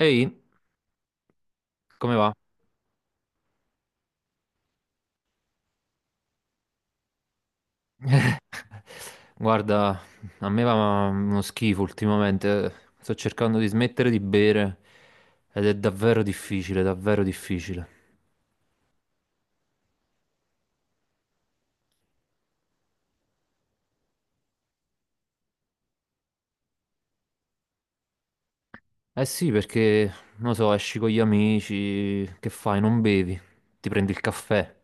Ehi, come va? Guarda, a me va uno schifo ultimamente. Sto cercando di smettere di bere ed è davvero difficile, davvero difficile. Eh sì, perché, non lo so, esci con gli amici, che fai? Non bevi, ti prendi il caffè.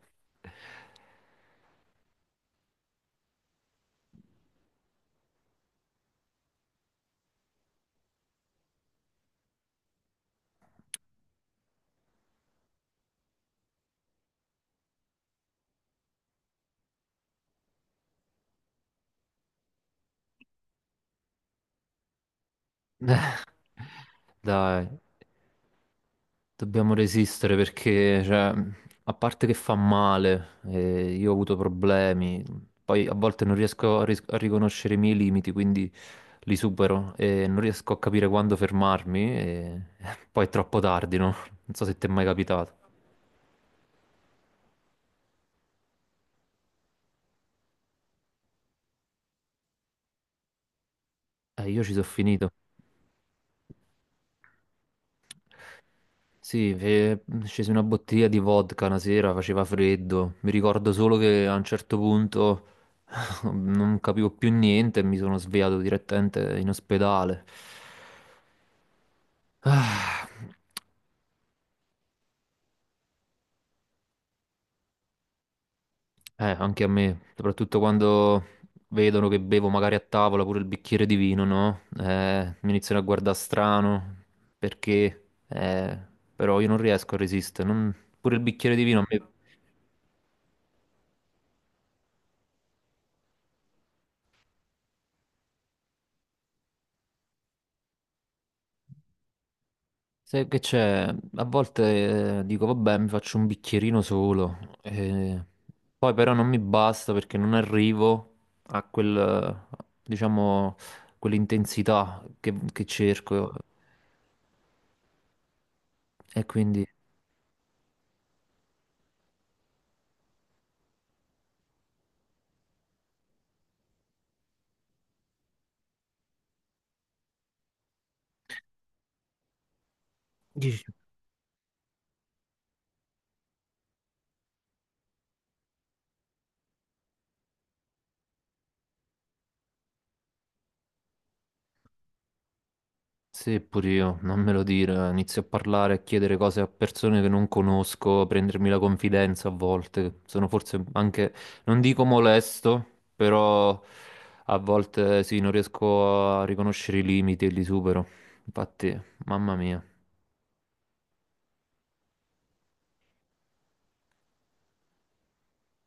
Dai, dobbiamo resistere perché, cioè, a parte che fa male, io ho avuto problemi, poi a volte non riesco a riconoscere i miei limiti, quindi li supero e non riesco a capire quando fermarmi e poi è troppo tardi, no? Non so se ti è mai capitato. Io ci sono finito. Sì, scesi una bottiglia di vodka una sera, faceva freddo. Mi ricordo solo che a un certo punto non capivo più niente e mi sono svegliato direttamente in ospedale. Ah. Anche a me, soprattutto quando vedono che bevo magari a tavola pure il bicchiere di vino, no? Mi iniziano a guardare strano perché, però io non riesco a resistere. Pure il bicchiere di vino a me. Sai che c'è? A volte dico, vabbè, mi faccio un bicchierino solo, eh, poi però non mi basta perché non arrivo a quel, diciamo, quell'intensità che cerco. E quindi. Dici. Sì, pure io, non me lo dire, inizio a parlare, a chiedere cose a persone che non conosco, a prendermi la confidenza a volte, sono forse anche, non dico molesto, però a volte sì, non riesco a riconoscere i limiti e li supero, infatti, mamma mia.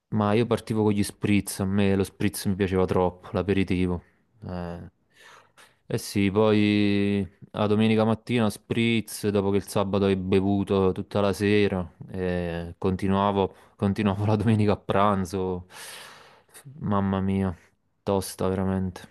Ma io partivo con gli spritz, a me lo spritz mi piaceva troppo, l'aperitivo. Eh, eh sì, poi la domenica mattina spritz, dopo che il sabato hai bevuto tutta la sera, continuavo, continuavo la domenica a pranzo. Mamma mia, tosta veramente.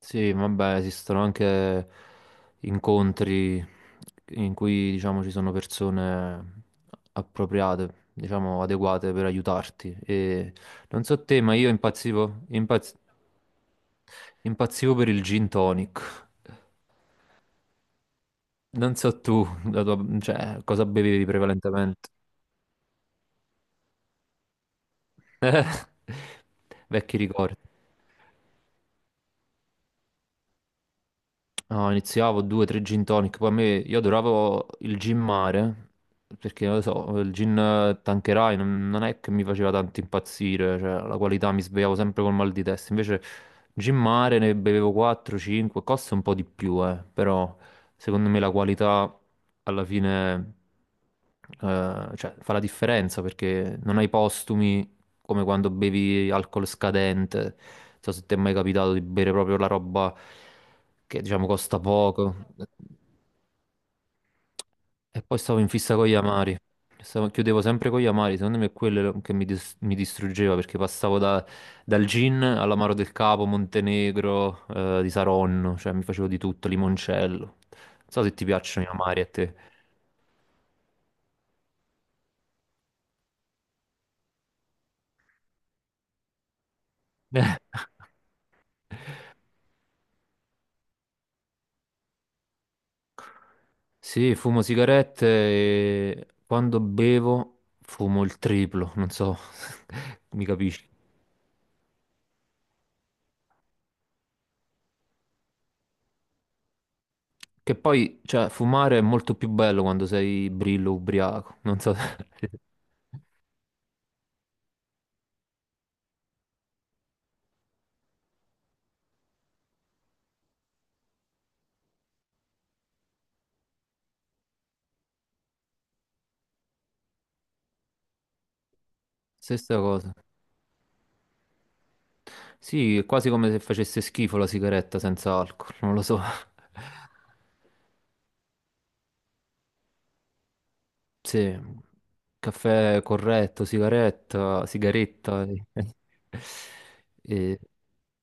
Sì, vabbè, esistono anche incontri in cui, diciamo, ci sono persone appropriate, diciamo, adeguate per aiutarti. E non so te, ma io impazzivo, impazzivo per il gin tonic. Non so tu, cioè, cosa bevevi prevalentemente? Vecchi ricordi. No, iniziavo due, tre gin tonic, poi a me io adoravo il gin mare, perché non lo so, il gin Tanqueray non, non è che mi faceva tanto impazzire, cioè la qualità mi svegliavo sempre col mal di testa, invece gin mare ne bevevo 4, 5, costa un po' di più, però secondo me la qualità alla fine cioè, fa la differenza perché non hai postumi, come quando bevi alcol scadente. Non so se ti è mai capitato di bere proprio la roba che diciamo costa poco. E poi stavo in fissa con gli amari. Chiudevo sempre con gli amari, secondo me è quello che mi distruggeva perché dal gin all'amaro del Capo, Montenegro, di Saronno, cioè mi facevo di tutto, limoncello. Non so se ti piacciono gli amari a te. Sì, fumo sigarette e quando bevo fumo il triplo, non so, mi capisci? Che poi, cioè, fumare è molto più bello quando sei brillo ubriaco, non so, stessa cosa. Sì, è quasi come se facesse schifo la sigaretta senza alcol, non lo so. Sì, caffè corretto, sigaretta, sigaretta. E, e-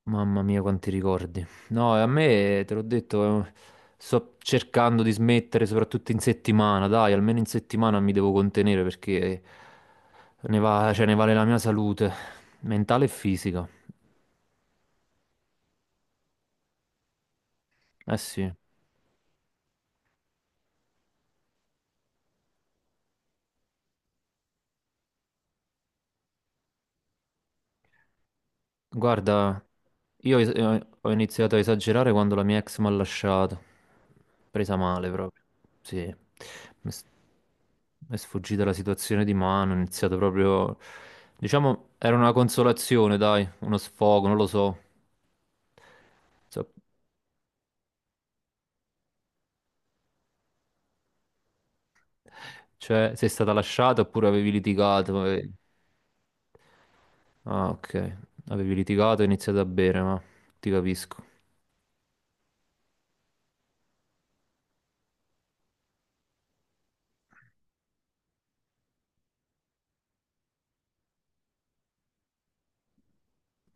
mamma mia, quanti ricordi. No, a me, te l'ho detto, sto cercando di smettere, soprattutto in settimana. Dai, almeno in settimana mi devo contenere perché cioè, ne vale la mia salute mentale e fisica. Eh sì. Guarda, io ho iniziato a esagerare quando la mia ex mi ha lasciato. Presa male proprio. Sì, mi è sfuggita la situazione di mano, ho iniziato proprio. Diciamo, era una consolazione, dai, uno sfogo, non lo so. So- Cioè, sei stata lasciata oppure avevi litigato? Ah, ok. Avevi litigato e hai iniziato a bere, ma ti capisco.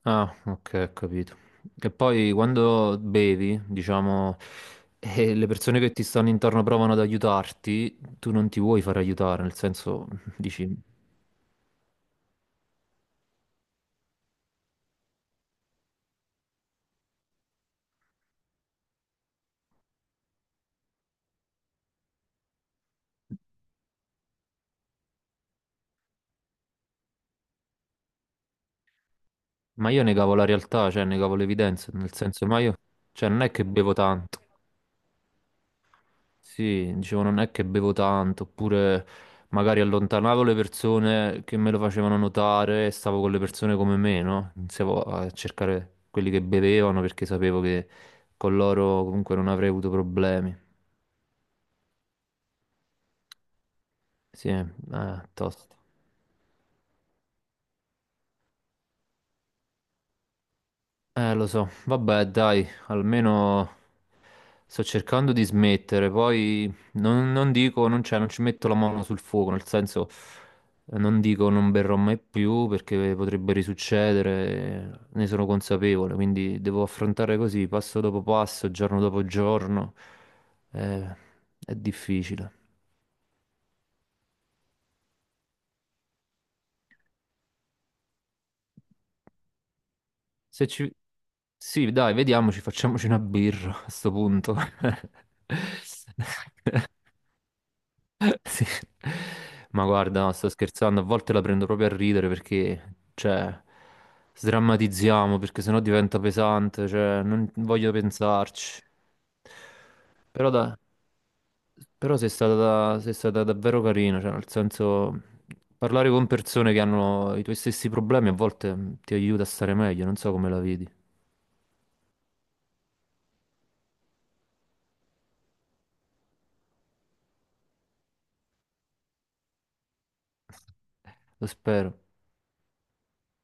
Ah, ok, ho capito. E poi quando bevi, diciamo, e le persone che ti stanno intorno provano ad aiutarti, tu non ti vuoi far aiutare, nel senso, dici, ma io negavo la realtà, cioè negavo le evidenze, nel senso, ma io, cioè non è che bevo tanto. Sì, dicevo, non è che bevo tanto, oppure magari allontanavo le persone che me lo facevano notare e stavo con le persone come me, no? Iniziavo a cercare quelli che bevevano perché sapevo che con loro comunque non avrei avuto problemi. Sì, tosto. Lo so, vabbè, dai, almeno sto cercando di smettere, poi non, non dico, non, cioè, non ci metto la mano sul fuoco, nel senso, non dico non berrò mai più perché potrebbe risuccedere, ne sono consapevole, quindi devo affrontare così, passo dopo passo, giorno dopo giorno, eh, è difficile. Se ci. Sì, dai, vediamoci, facciamoci una birra a sto punto. Sì. Ma guarda, no, sto scherzando, a volte la prendo proprio a ridere perché, cioè, sdrammatizziamo perché sennò diventa pesante, cioè, non voglio pensarci. Però, però sei stata davvero carina, cioè, nel senso, parlare con persone che hanno i tuoi stessi problemi a volte ti aiuta a stare meglio, non so come la vedi, lo spero.